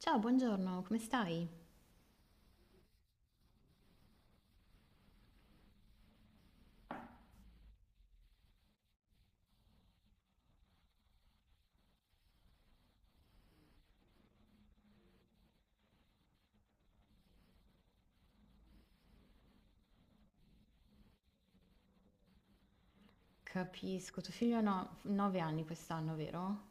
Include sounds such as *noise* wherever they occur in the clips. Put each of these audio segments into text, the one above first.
Ciao, buongiorno, come stai? Capisco, tuo figlio ha 9 anni quest'anno, vero?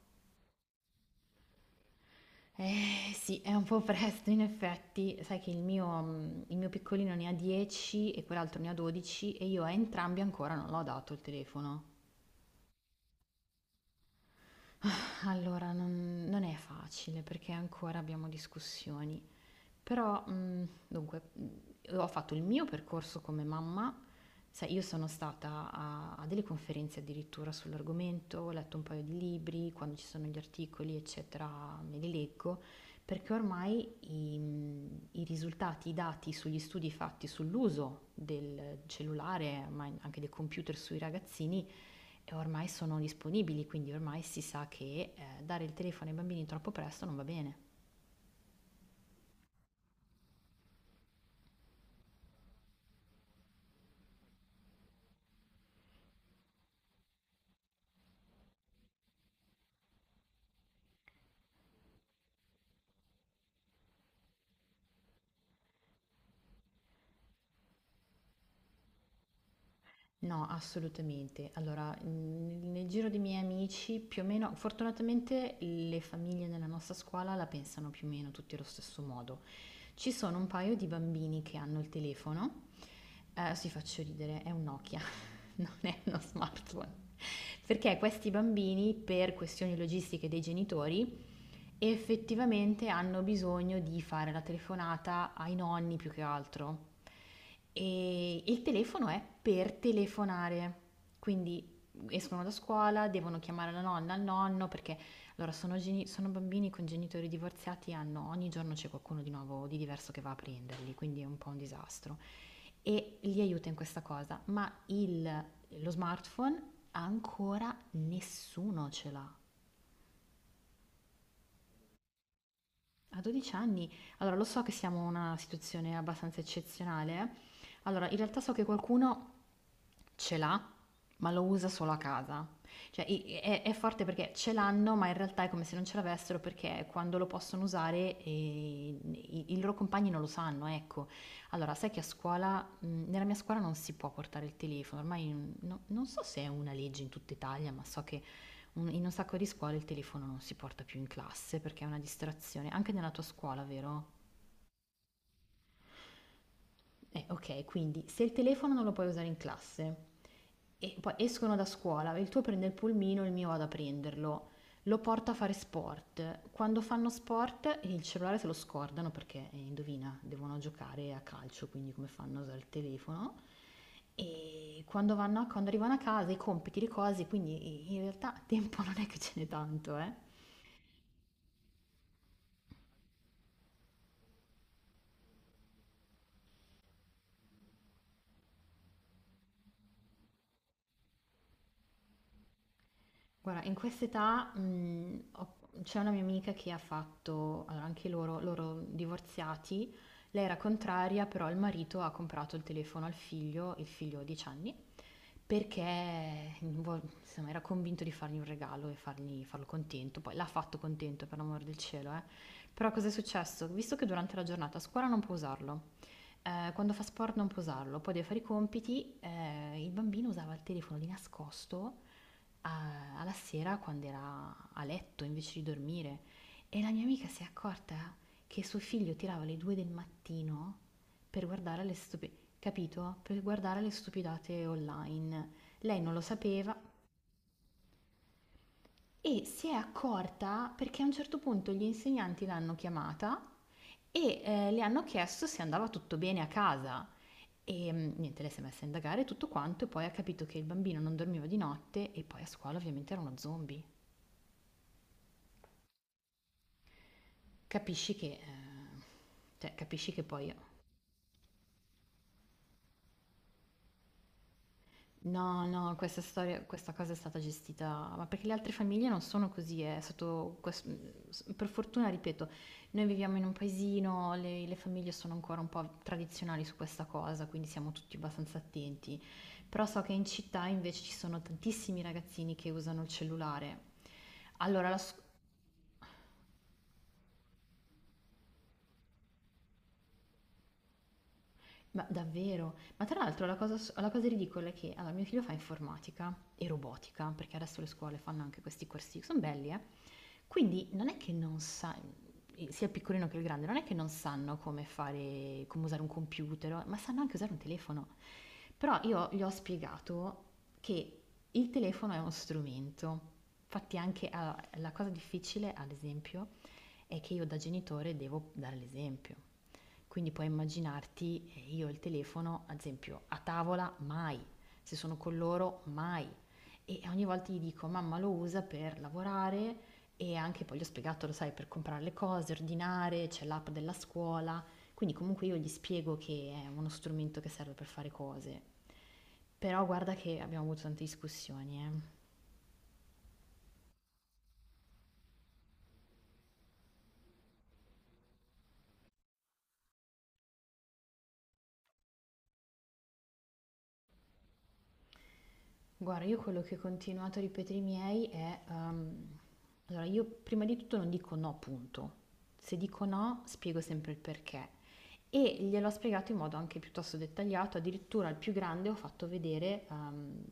Eh sì, è un po' presto in effetti, sai che il mio, il mio piccolino ne ha 10 e quell'altro ne ha 12 e io a entrambi ancora non l'ho dato il telefono. Allora, non è facile perché ancora abbiamo discussioni. Però, dunque, ho fatto il mio percorso come mamma, sai io sono stata a delle conferenze addirittura sull'argomento, ho letto un paio di libri, quando ci sono gli articoli, eccetera, me li leggo, perché ormai i risultati, i dati sugli studi fatti sull'uso del cellulare, ma in anche del computer sui ragazzini, ormai sono disponibili, quindi ormai si sa che, dare il telefono ai bambini troppo presto non va bene. No, assolutamente. Allora, nel giro dei miei amici, più o meno, fortunatamente le famiglie nella nostra scuola la pensano più o meno tutti allo stesso modo. Ci sono un paio di bambini che hanno il telefono, si faccio ridere, è un Nokia, *laughs* non è uno smartphone. Perché questi bambini, per questioni logistiche dei genitori, effettivamente hanno bisogno di fare la telefonata ai nonni più che altro. E il telefono è per telefonare, quindi escono da scuola, devono chiamare la nonna, il nonno, perché allora sono, sono bambini con genitori divorziati, hanno, ogni giorno c'è qualcuno di nuovo, di diverso che va a prenderli, quindi è un po' un disastro. E li aiuta in questa cosa, ma lo smartphone ancora nessuno ce l'ha. A 12 anni, allora lo so che siamo in una situazione abbastanza eccezionale. Eh. Allora, in realtà so che qualcuno ce l'ha, ma lo usa solo a casa. Cioè è forte perché ce l'hanno, ma in realtà è come se non ce l'avessero perché quando lo possono usare i loro compagni non lo sanno, ecco. Allora, sai che a scuola, nella mia scuola non si può portare il telefono, ormai non so se è una legge in tutta Italia, ma so che in un sacco di scuole il telefono non si porta più in classe perché è una distrazione, anche nella tua scuola, vero? Ok, quindi se il telefono non lo puoi usare in classe e poi escono da scuola, il tuo prende il pulmino, il mio vado a prenderlo, lo porta a fare sport. Quando fanno sport il cellulare se lo scordano perché, indovina, devono giocare a calcio, quindi come fanno a usare il telefono. E quando, quando arrivano a casa i compiti, le cose, quindi in realtà tempo *laughs* non è che ce n'è tanto, eh. Guarda, in quest'età, mhmm, ho c'è una mia amica che ha fatto allora anche loro divorziati, lei era contraria, però il marito ha comprato il telefono al figlio, il figlio ha 10 anni, perché vo insomma era convinto di fargli un regalo e fargli farlo contento. Poi l'ha fatto contento, per l'amor del cielo, eh. Però cos'è successo? Visto che durante la giornata a scuola non può usarlo, quando fa sport non può usarlo, poi deve fare i compiti, il bambino usava il telefono di nascosto alla sera quando era a letto invece di dormire e la mia amica si è accorta che suo figlio tirava le due del mattino per guardare le capito? Per guardare le stupidate online. Lei non lo sapeva e si è accorta perché a un certo punto gli insegnanti l'hanno chiamata e le hanno chiesto se andava tutto bene a casa. E niente, lei si è messa a indagare tutto quanto e poi ha capito che il bambino non dormiva di notte e poi a scuola ovviamente era uno zombie. Capisci che, cioè, capisci che poi no, no, questa storia, questa cosa è stata gestita, ma perché le altre famiglie non sono così, è stato, per fortuna, ripeto, noi viviamo in un paesino, le famiglie sono ancora un po' tradizionali su questa cosa, quindi siamo tutti abbastanza attenti, però so che in città invece ci sono tantissimi ragazzini che usano il cellulare. Allora, ma davvero? Ma tra l'altro la cosa ridicola è che allora mio figlio fa informatica e robotica, perché adesso le scuole fanno anche questi corsi, son belli quindi non è che non sa sia il piccolino che il grande, non è che non sanno come fare come usare un computer o ma sanno anche usare un telefono. Però io gli ho spiegato che il telefono è uno strumento. Infatti anche a la cosa difficile, ad esempio, è che io da genitore devo dare l'esempio. Quindi puoi immaginarti io il telefono, ad esempio, a tavola mai, se sono con loro mai. E ogni volta gli dico, mamma lo usa per lavorare e anche poi gli ho spiegato, lo sai, per comprare le cose, ordinare, c'è l'app della scuola. Quindi comunque io gli spiego che è uno strumento che serve per fare cose. Però guarda che abbiamo avuto tante discussioni, eh. Guarda, io quello che ho continuato a ripetere ai miei è, allora io prima di tutto non dico no, punto. Se dico no, spiego sempre il perché. E gliel'ho spiegato in modo anche piuttosto dettagliato, addirittura al più grande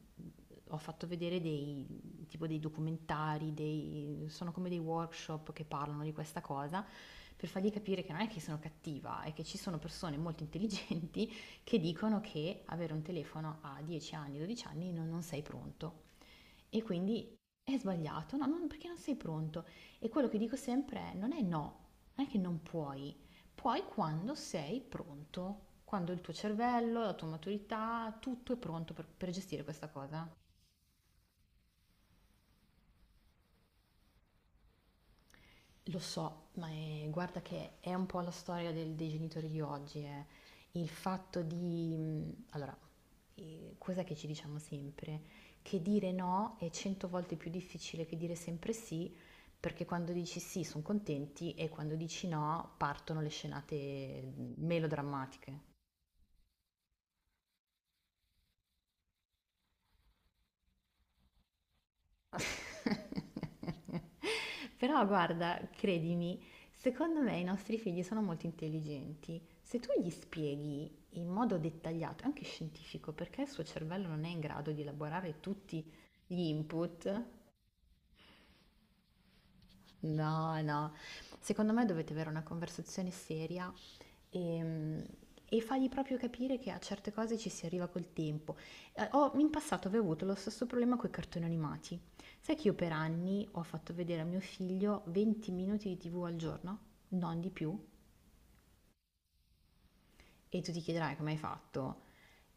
ho fatto vedere tipo dei documentari, sono come dei workshop che parlano di questa cosa, per fargli capire che non è che sono cattiva, è che ci sono persone molto intelligenti che dicono che avere un telefono a 10 anni, 12 anni non sei pronto e quindi è sbagliato, no, non, perché non sei pronto. E quello che dico sempre è non è no, non è che non puoi, puoi quando sei pronto, quando il tuo cervello, la tua maturità, tutto è pronto per gestire questa cosa. Lo so, ma guarda che è un po' la storia dei genitori di oggi, eh. Il fatto di... allora, cos'è che ci diciamo sempre? Che dire no è cento volte più difficile che dire sempre sì, perché quando dici sì sono contenti e quando dici no partono le scenate melodrammatiche. *laughs* Però guarda, credimi, secondo me i nostri figli sono molto intelligenti. Se tu gli spieghi in modo dettagliato, anche scientifico, perché il suo cervello non è in grado di elaborare tutti gli input, no, no, secondo me dovete avere una conversazione seria e, e fargli proprio capire che a certe cose ci si arriva col tempo. In passato avevo avuto lo stesso problema con i cartoni animati. Sai che io per anni ho fatto vedere a mio figlio 20 minuti di TV al giorno, non di più? E tu ti chiederai come hai fatto.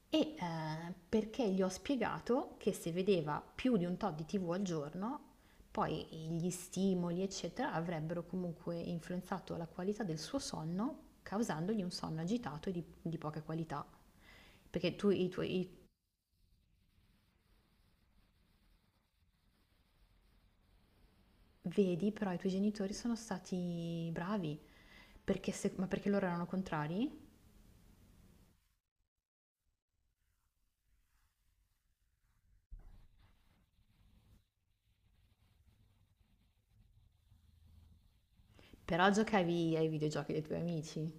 Perché gli ho spiegato che se vedeva più di un tot di TV al giorno, poi gli stimoli, eccetera, avrebbero comunque influenzato la qualità del suo sonno, causandogli un sonno agitato e di poca qualità. Perché tu i tuoi, vedi, però i tuoi genitori sono stati bravi, perché ma perché loro erano contrari? Però giocavi ai videogiochi dei tuoi amici.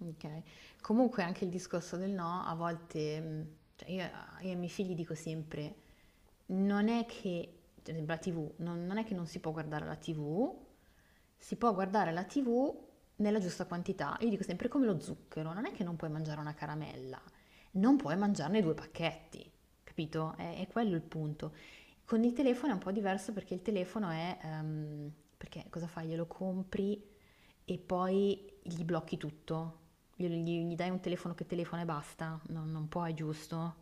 Ok. Comunque anche il discorso del no, a volte, cioè io ai miei figli dico sempre, non è che, per esempio la TV, non è che non si può guardare la TV, si può guardare la TV nella giusta quantità. Io dico sempre, è come lo zucchero, non è che non puoi mangiare una caramella, non puoi mangiarne due pacchetti, capito? È quello il punto. Con il telefono è un po' diverso perché il telefono è, perché cosa fai? Glielo compri e poi gli blocchi tutto, gli dai un telefono che telefona e basta, non puoi, giusto?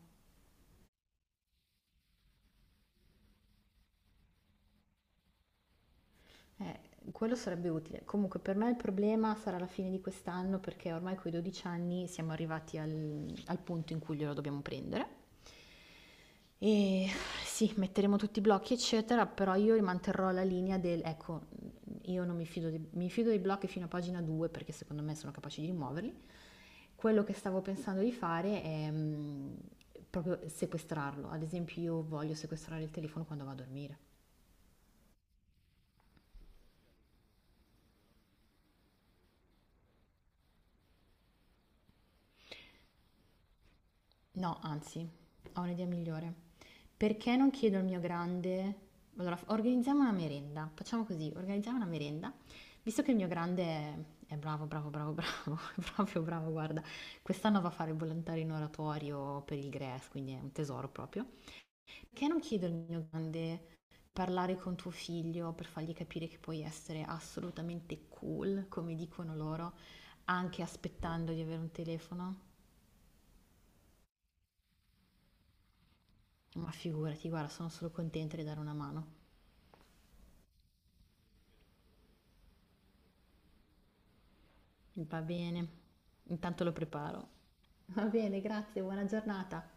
Quello sarebbe utile. Comunque per noi il problema sarà la fine di quest'anno perché ormai coi 12 anni siamo arrivati al punto in cui glielo dobbiamo prendere. E sì, metteremo tutti i blocchi, eccetera, però io manterrò la linea del, ecco, io non mi fido, mi fido dei blocchi fino a pagina 2 perché secondo me sono capaci di rimuoverli. Quello che stavo pensando di fare è proprio sequestrarlo. Ad esempio, io voglio sequestrare il telefono quando vado a dormire. No, anzi, ho un'idea migliore. Perché non chiedo al mio grande... Allora, organizziamo una merenda. Facciamo così, organizziamo una merenda. Visto che il mio grande è bravo, bravo, bravo, bravo, *laughs* è proprio bravo, guarda, quest'anno va a fare il volontario in oratorio per il GRES, quindi è un tesoro proprio. Perché non chiedo al mio grande parlare con tuo figlio per fargli capire che puoi essere assolutamente cool, come dicono loro, anche aspettando di avere un telefono? Ma figurati, guarda, sono solo contenta di dare una mano. Va bene, intanto lo preparo. Va bene, grazie, buona giornata.